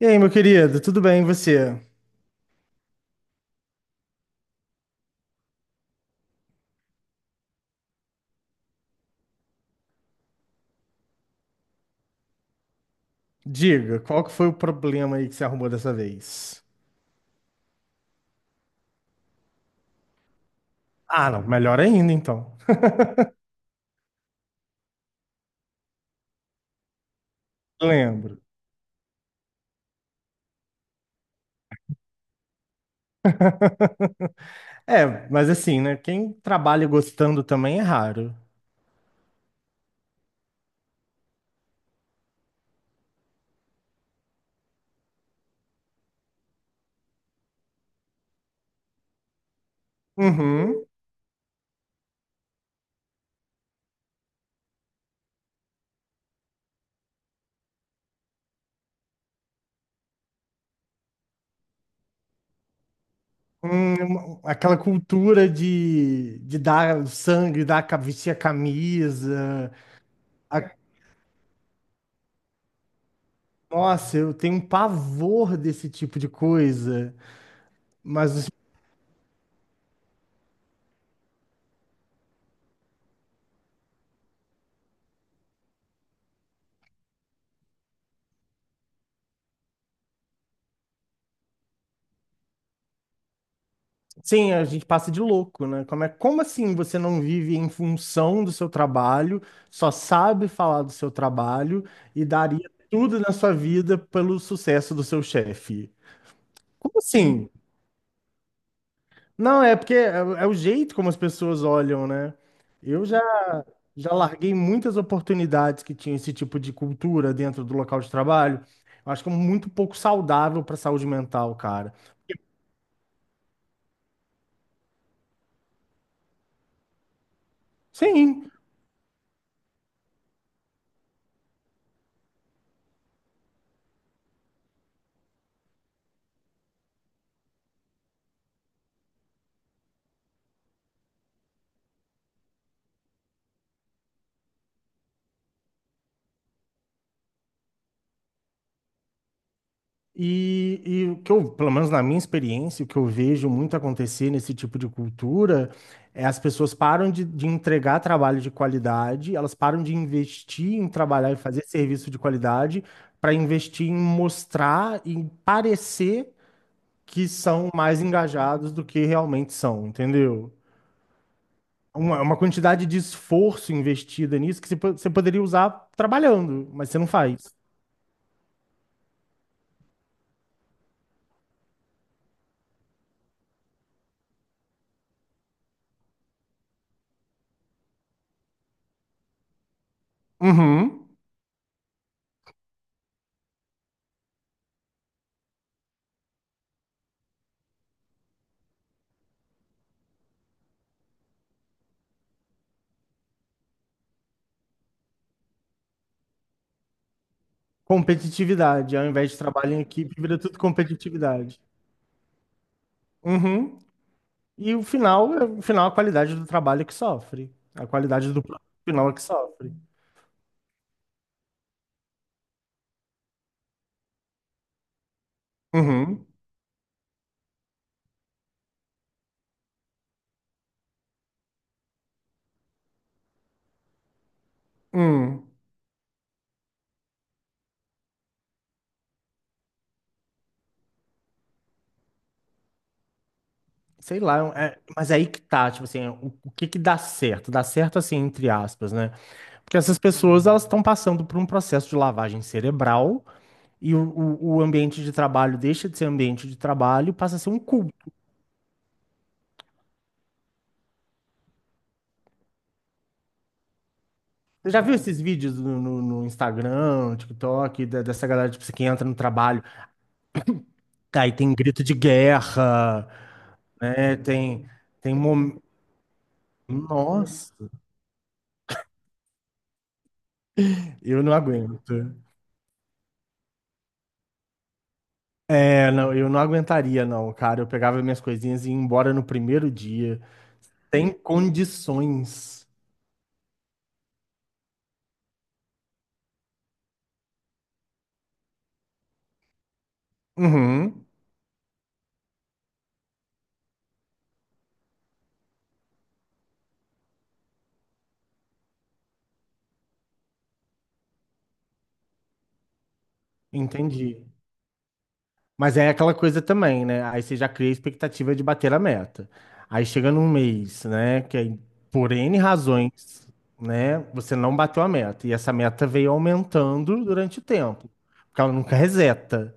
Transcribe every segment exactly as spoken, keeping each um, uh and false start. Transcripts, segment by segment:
E aí, meu querido, tudo bem? E você? Diga, qual que foi o problema aí que você arrumou dessa vez? Ah, não, melhor ainda então. Lembro. É, mas assim, né? Quem trabalha gostando também é raro. Uhum. Hum, uma- aquela cultura de, de dar o sangue, dar, a ca- vestir a camisa. A- Nossa, eu tenho um pavor desse tipo de coisa. Mas sim, a gente passa de louco, né? Como é, como assim você não vive em função do seu trabalho, só sabe falar do seu trabalho e daria tudo na sua vida pelo sucesso do seu chefe? Como assim? Não, é porque é, é o jeito como as pessoas olham, né? Eu já, já larguei muitas oportunidades que tinham esse tipo de cultura dentro do local de trabalho. Eu acho que é muito pouco saudável para a saúde mental, cara. Sim. E, e o que eu, pelo menos na minha experiência, o que eu vejo muito acontecer nesse tipo de cultura é as pessoas param de, de entregar trabalho de qualidade, elas param de investir em trabalhar e fazer serviço de qualidade para investir em mostrar e parecer que são mais engajados do que realmente são, entendeu? Uma, uma quantidade de esforço investida nisso que você, po- você poderia usar trabalhando, mas você não faz. Uhum. Competitividade, ao invés de trabalho em equipe, vira tudo competitividade. Uhum. E o final, é- o final, é a qualidade do trabalho é que sofre. A qualidade do produto final é que sofre. Uhum. Hum. Sei lá, é- mas é mas aí que tá, tipo assim, o, o que que dá certo? Dá certo assim, entre aspas, né? Porque essas pessoas, elas estão passando por um processo de lavagem cerebral e o, o, o ambiente de trabalho deixa de ser ambiente de trabalho, e passa a ser um. Você já viu esses vídeos no, no- no Instagram, no TikTok, da- dessa galera, tipo, assim, que entra no trabalho, aí tem grito de guerra, né? Tem, tem mom... Nossa, eu não aguento. É, não, eu não aguentaria, não, cara. Eu pegava minhas coisinhas e ia embora no primeiro dia. Tem condições. Uhum, entendi. Mas é aquela coisa também, né? Aí você já cria a expectativa de bater a meta. Aí chega num mês, né? Que aí, por N razões, né? Você não bateu a meta. E essa meta veio aumentando durante o tempo. Porque ela nunca reseta,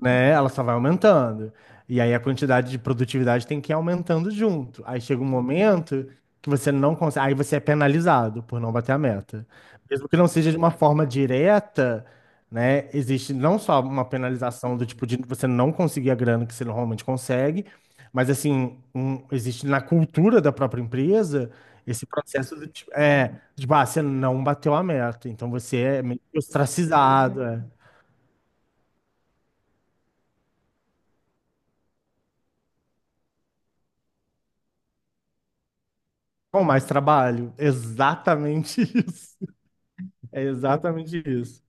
né? Ela só vai aumentando. E aí a quantidade de produtividade tem que ir aumentando junto. Aí chega um momento que você não consegue, aí você é penalizado por não bater a meta. Mesmo que não seja de uma forma direta, né? Existe não só uma penalização do tipo de você não conseguir a grana que você normalmente consegue, mas assim, um- existe na cultura da própria empresa esse processo do tipo, é, de, ah, você não bateu a meta, então você é meio que ostracizado, é. Com mais trabalho. Exatamente isso. É exatamente isso.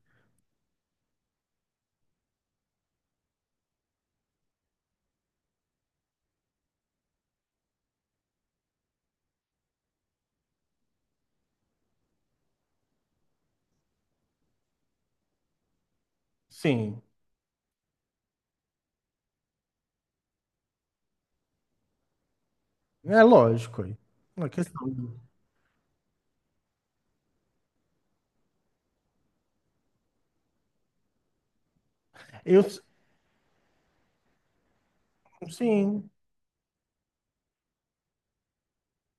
Sim, é lógico. Aí. Uma questão. do- Eu, sim,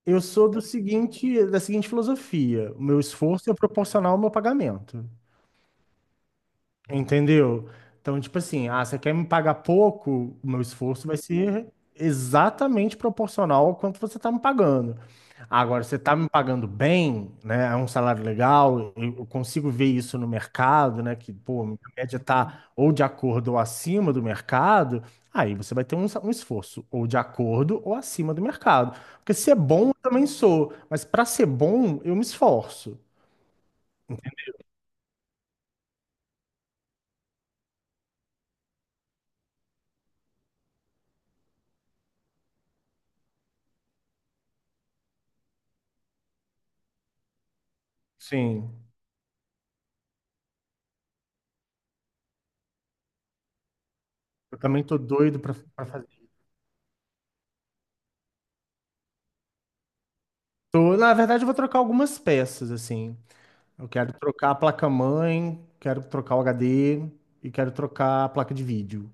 eu sou do seguinte, da seguinte filosofia: o meu esforço é proporcional ao meu pagamento. Entendeu? Então, tipo assim, ah, você quer me pagar pouco, o meu esforço vai ser exatamente proporcional ao quanto você está me pagando. Agora, você está me pagando bem, né? É um salário legal, eu eu consigo ver isso no mercado, né? Que, pô, a média está ou de acordo ou acima do mercado, aí você vai ter um, sa- um esforço ou de acordo ou acima do mercado. Porque se é bom, eu também sou, mas para ser bom, eu me esforço. Sim, eu também tô doido para. Tô- na verdade, eu vou trocar algumas peças, assim. Eu quero trocar a placa-mãe, quero trocar o H D e quero trocar a placa de vídeo.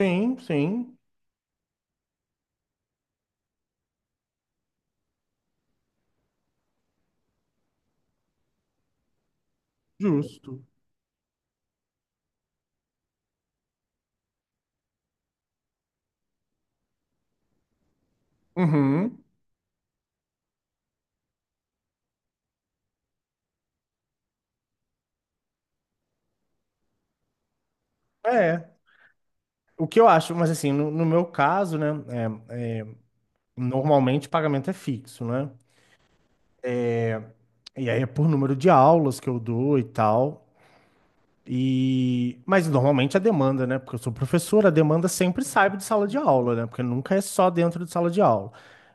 Sim, sim, justo. Uhum. É. O que eu acho, mas assim, no, no meu caso, né, é, normalmente o pagamento é fixo, né? E aí é por número de aulas que eu dou e tal. E... Mas normalmente a demanda, né? Porque eu sou professor, a demanda sempre sai de sala de aula, né? Porque nunca é só dentro de sala de aula.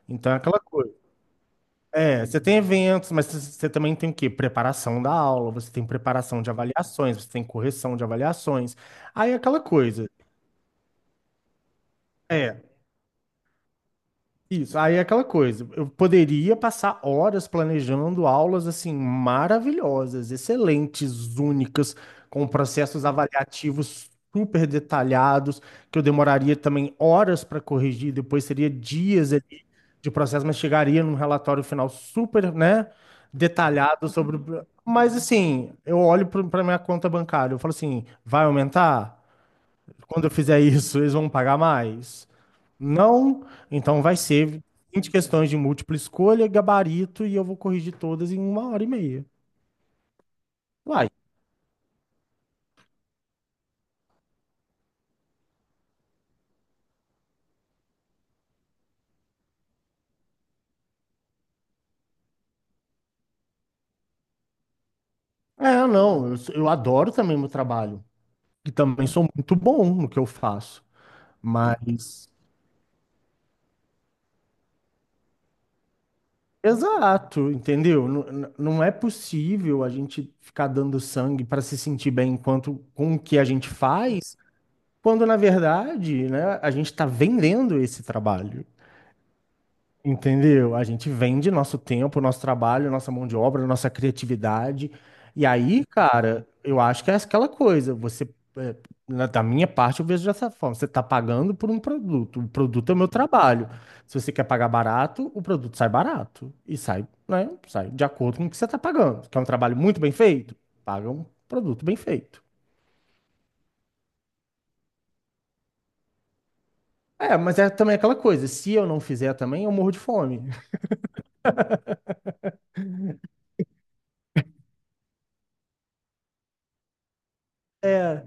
Então é aquela coisa. É, você tem eventos, mas você você também tem o quê? Preparação da aula, você tem preparação de avaliações, você tem correção de avaliações. Aí é aquela coisa. É. Isso, aí é aquela coisa. Eu poderia passar horas planejando aulas assim maravilhosas, excelentes, únicas, com processos avaliativos super detalhados, que eu demoraria também horas para corrigir, depois seria dias ali de processo, mas chegaria num relatório final super, né, detalhado sobre. o pro- Mas assim, eu olho para minha conta bancária, eu falo assim, vai aumentar? Quando eu fizer isso, eles vão pagar mais? Não, então vai ser vinte questões de múltipla escolha, gabarito, e eu vou corrigir todas em uma hora e meia. Uai, é, não, eu, sou- eu adoro também meu trabalho. E também sou muito bom no que eu faço. Mas, exato, entendeu? N- n- Não é possível a gente ficar dando sangue para se sentir bem enquanto com o que a gente faz, quando na verdade, né, a gente está vendendo esse trabalho. Entendeu? A gente vende nosso tempo, nosso trabalho, nossa mão de obra, nossa criatividade. E aí, cara, eu acho que é aquela coisa. Você, na- da minha parte, eu vejo dessa forma. Você está pagando por um produto. O produto é o meu trabalho. Se você quer pagar barato, o produto sai barato. E sai, né? Sai de acordo com o que você está pagando. Quer um trabalho muito bem feito? Paga um produto bem feito. É, mas é também aquela coisa. Se eu não fizer também, eu morro de fome.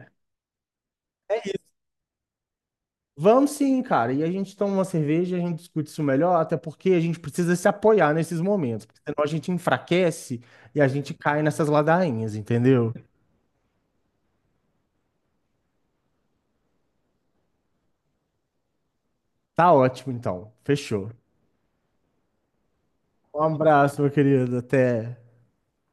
Vamos sim, cara. E a gente toma uma cerveja, a gente discute isso melhor, até porque a gente precisa se apoiar nesses momentos, porque senão a gente enfraquece e a gente cai nessas ladainhas, entendeu? Tá ótimo, então. Fechou. Um abraço, meu querido. Até.